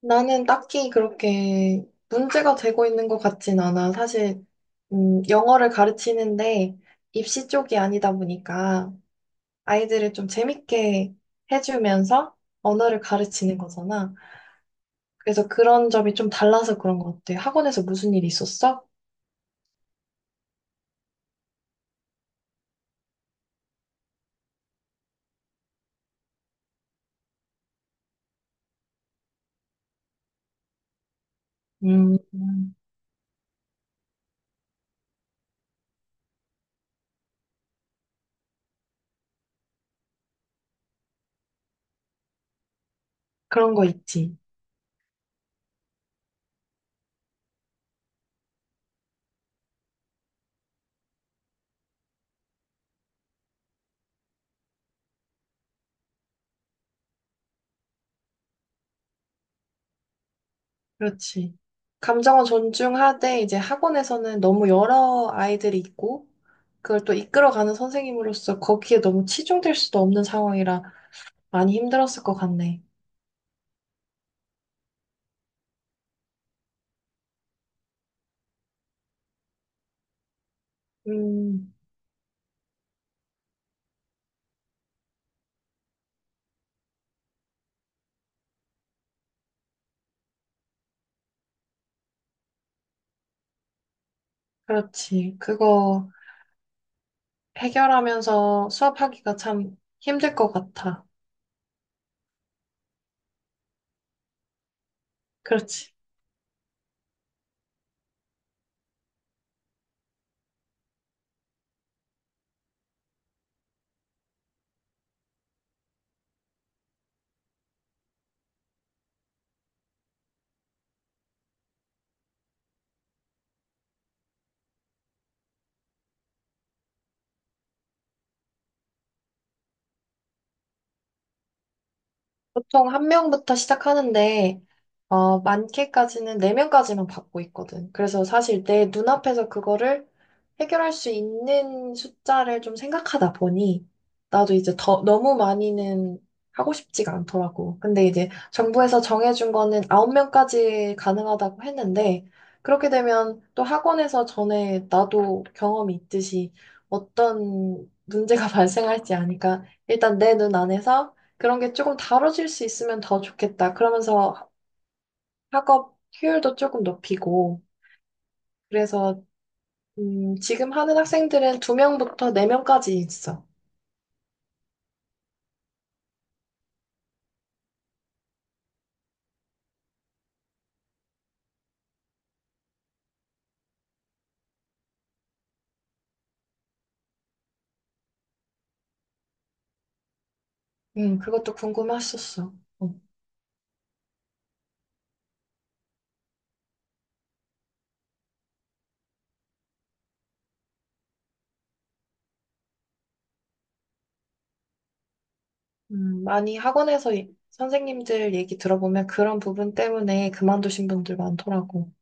나는 딱히 그렇게 문제가 되고 있는 것 같진 않아. 사실, 영어를 가르치는데 입시 쪽이 아니다 보니까 아이들을 좀 재밌게 해주면서 언어를 가르치는 거잖아. 그래서 그런 점이 좀 달라서 그런 것 같아. 학원에서 무슨 일 있었어? 음. 음. 그런 거 있지. 그렇지. 감정은 존중하되 이제 학원에서는 너무 여러 아이들이 있고 그걸 또 이끌어가는 선생님으로서 거기에 너무 치중될 수도 없는 상황이라 많이 힘들었을 것 같네. 음. 그렇지. 그거 해결하면서 수업하기가 참 힘들 것 같아. 그렇지. 보통 한 명부터 시작하는데, 어, 많게까지는 네 명까지만 받고 있거든. 그래서 사실 내 눈앞에서 그거를 해결할 수 있는 숫자를 좀 생각하다 보니, 나도 이제 더, 너무 많이는 하고 싶지가 않더라고. 근데 이제 정부에서 정해준 거는 아홉 명까지 가능하다고 했는데, 그렇게 되면 또 학원에서 전에 나도 경험이 있듯이 어떤 문제가 발생할지 아니까 일단 내 눈 안에서 그런 게 조금 다뤄질 수 있으면 더 좋겠다. 그러면서 학업 효율도 조금 높이고. 그래서, 지금 하는 학생들은 두명부터네명까지 있어. 그것도 궁금했었어. 어. 많이 학원에서 선생님들 얘기 들어보면 그런 부분 때문에 그만두신 분들 많더라고.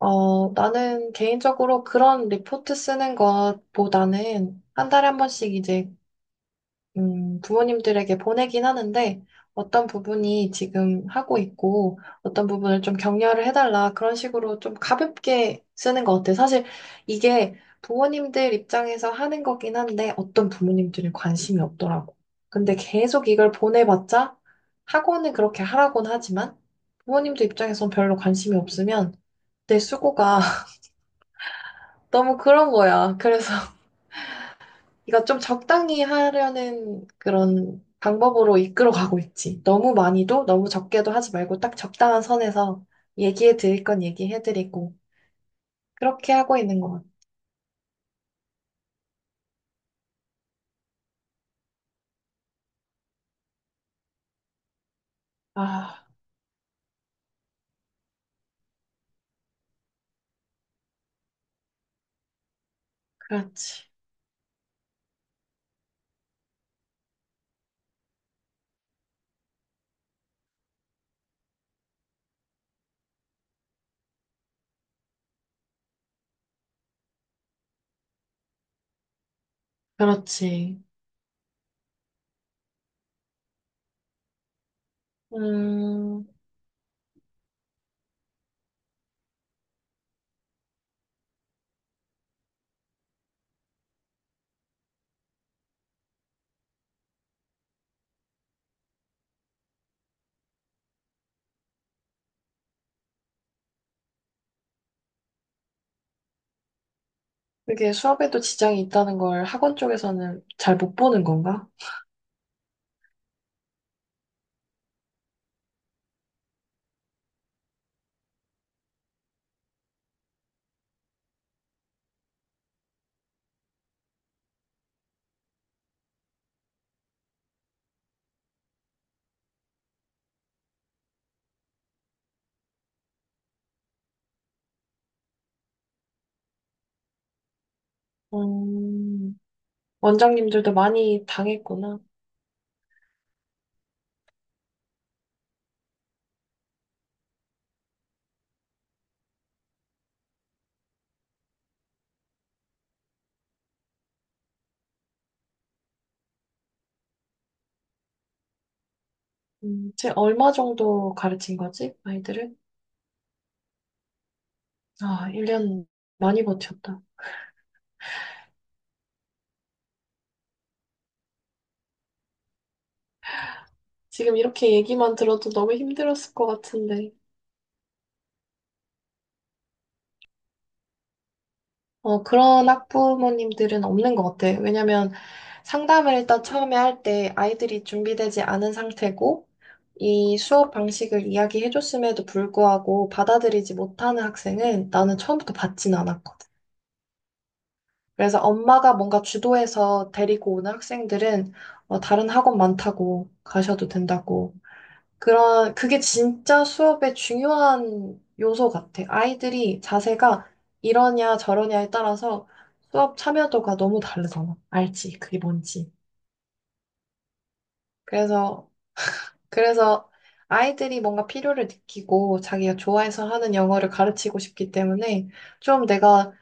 어, 나는 개인적으로 그런 리포트 쓰는 것보다는 한 달에 한 번씩 이제 부모님들에게 보내긴 하는데 어떤 부분이 지금 하고 있고 어떤 부분을 좀 격려를 해달라 그런 식으로 좀 가볍게 쓰는 것 같아요. 사실 이게 부모님들 입장에서 하는 거긴 한데 어떤 부모님들은 관심이 없더라고. 근데 계속 이걸 보내봤자 학원은 그렇게 하라고는 하지만 부모님들 입장에선 별로 관심이 없으면 내 수고가 너무 그런 거야. 그래서 이거 좀 적당히 하려는 그런 방법으로 이끌어 가고 있지. 너무 많이도 너무 적게도 하지 말고 딱 적당한 선에서 얘기해 드릴 건 얘기해 드리고 그렇게 하고 있는 것 같아. 아, 그렇지. 그렇지. 음, 그게 수업에도 지장이 있다는 걸 학원 쪽에서는 잘 못 보는 건가? 음, 원장님들도 많이 당했구나. 쟤 얼마 정도 가르친 거지? 아이들을? 아, 1년 많이 버텼다. 지금 이렇게 얘기만 들어도 너무 힘들었을 것 같은데. 어, 그런 학부모님들은 없는 것 같아. 왜냐면 상담을 일단 처음에 할 때 아이들이 준비되지 않은 상태고, 이 수업 방식을 이야기해줬음에도 불구하고 받아들이지 못하는 학생은 나는 처음부터 받진 않았거든. 그래서 엄마가 뭔가 주도해서 데리고 오는 학생들은 어, 다른 학원 많다고 가셔도 된다고 그게 진짜 수업의 중요한 요소 같아. 아이들이 자세가 이러냐 저러냐에 따라서 수업 참여도가 너무 다르잖아. 알지? 그게 뭔지. 그래서, 그래서 아이들이 뭔가 필요를 느끼고 자기가 좋아해서 하는 영어를 가르치고 싶기 때문에 좀 내가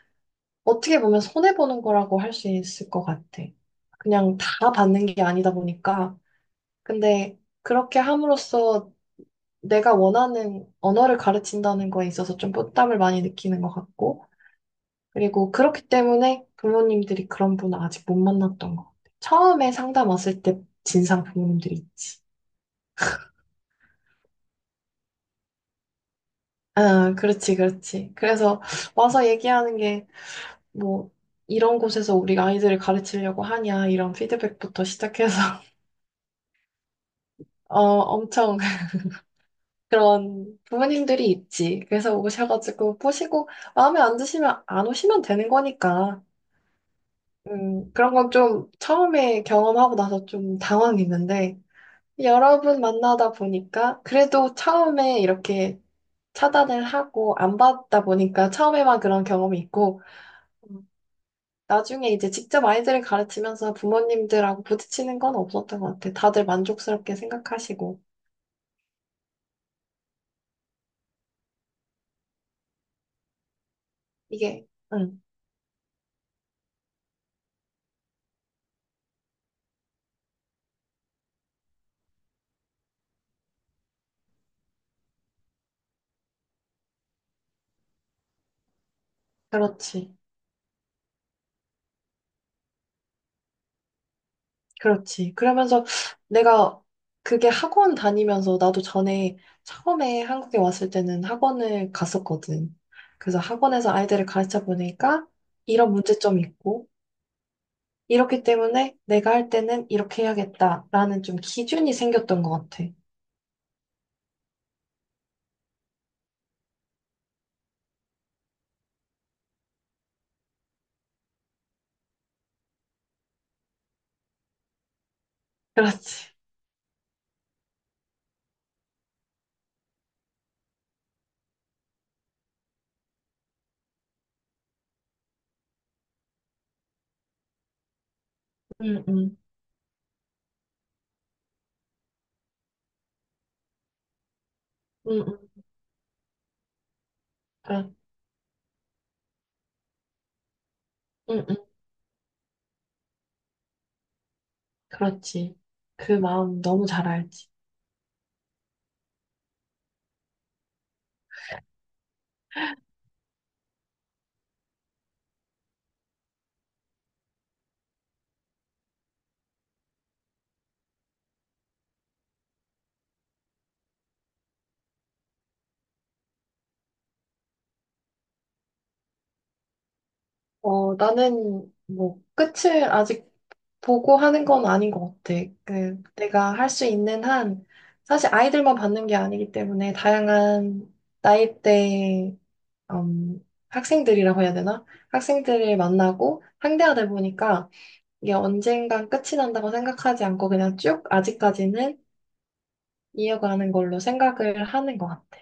어떻게 보면 손해보는 거라고 할 수 있을 것 같아. 그냥 다 받는 게 아니다 보니까. 근데 그렇게 함으로써 내가 원하는 언어를 가르친다는 거에 있어서 좀 부담을 많이 느끼는 것 같고, 그리고 그렇기 때문에 부모님들이 그런 분을 아직 못 만났던 것 같아. 처음에 상담 왔을 때 진상 부모님들이 있지. 아, 그렇지, 그렇지. 그래서 와서 얘기하는 게, 뭐, 이런 곳에서 우리 아이들을 가르치려고 하냐, 이런 피드백부터 시작해서, 어, 엄청 그런 부모님들이 있지. 그래서 오셔가지고 보시고, 마음에 안 드시면 안 오시면 되는 거니까. 그런 건 좀 처음에 경험하고 나서 좀 당황했는데, 여러 분 만나다 보니까, 그래도 처음에 이렇게 차단을 하고 안 받다 보니까 처음에만 그런 경험이 있고, 음, 나중에 이제 직접 아이들을 가르치면서 부모님들하고 부딪히는 건 없었던 것 같아. 다들 만족스럽게 생각하시고, 이게, 응, 그렇지. 그렇지. 그러면서 내가 그게 학원 다니면서 나도 전에 처음에 한국에 왔을 때는 학원을 갔었거든. 그래서 학원에서 아이들을 가르쳐 보니까 이런 문제점이 있고, 이렇기 때문에 내가 할 때는 이렇게 해야겠다라는 좀 기준이 생겼던 것 같아. 그렇지. 응, 응, 응, 응, 그렇- 응, 응, 그렇지. 그 마음 너무 잘 알지. 어, 나는 뭐 끝을 아직 보고 하는 건 아닌 것 같아. 그 내가 할 수 있는 한 사실 아이들만 받는 게 아니기 때문에 다양한 나이대의 학생들이라고 해야 되나? 학생들을 만나고 상대하다 보니까 이게 언젠간 끝이 난다고 생각하지 않고 그냥 쭉 아직까지는 이어가는 걸로 생각을 하는 것 같아.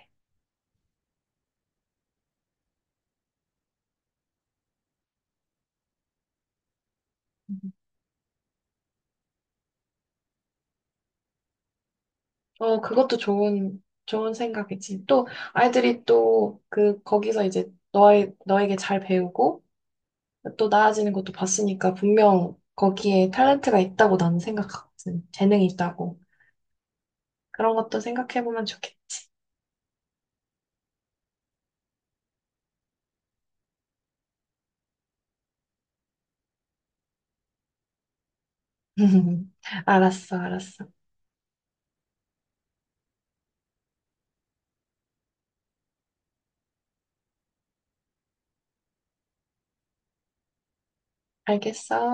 어, 그것도 좋은, 좋은 생각이지. 또, 아이들이 또, 거기서 이제 너에게 잘 배우고, 또 나아지는 것도 봤으니까, 분명 거기에 탤런트가 있다고 나는 생각하거든. 재능이 있다고. 그런 것도 생각해보면 좋겠지. 알았어, 알았어. 알겠어.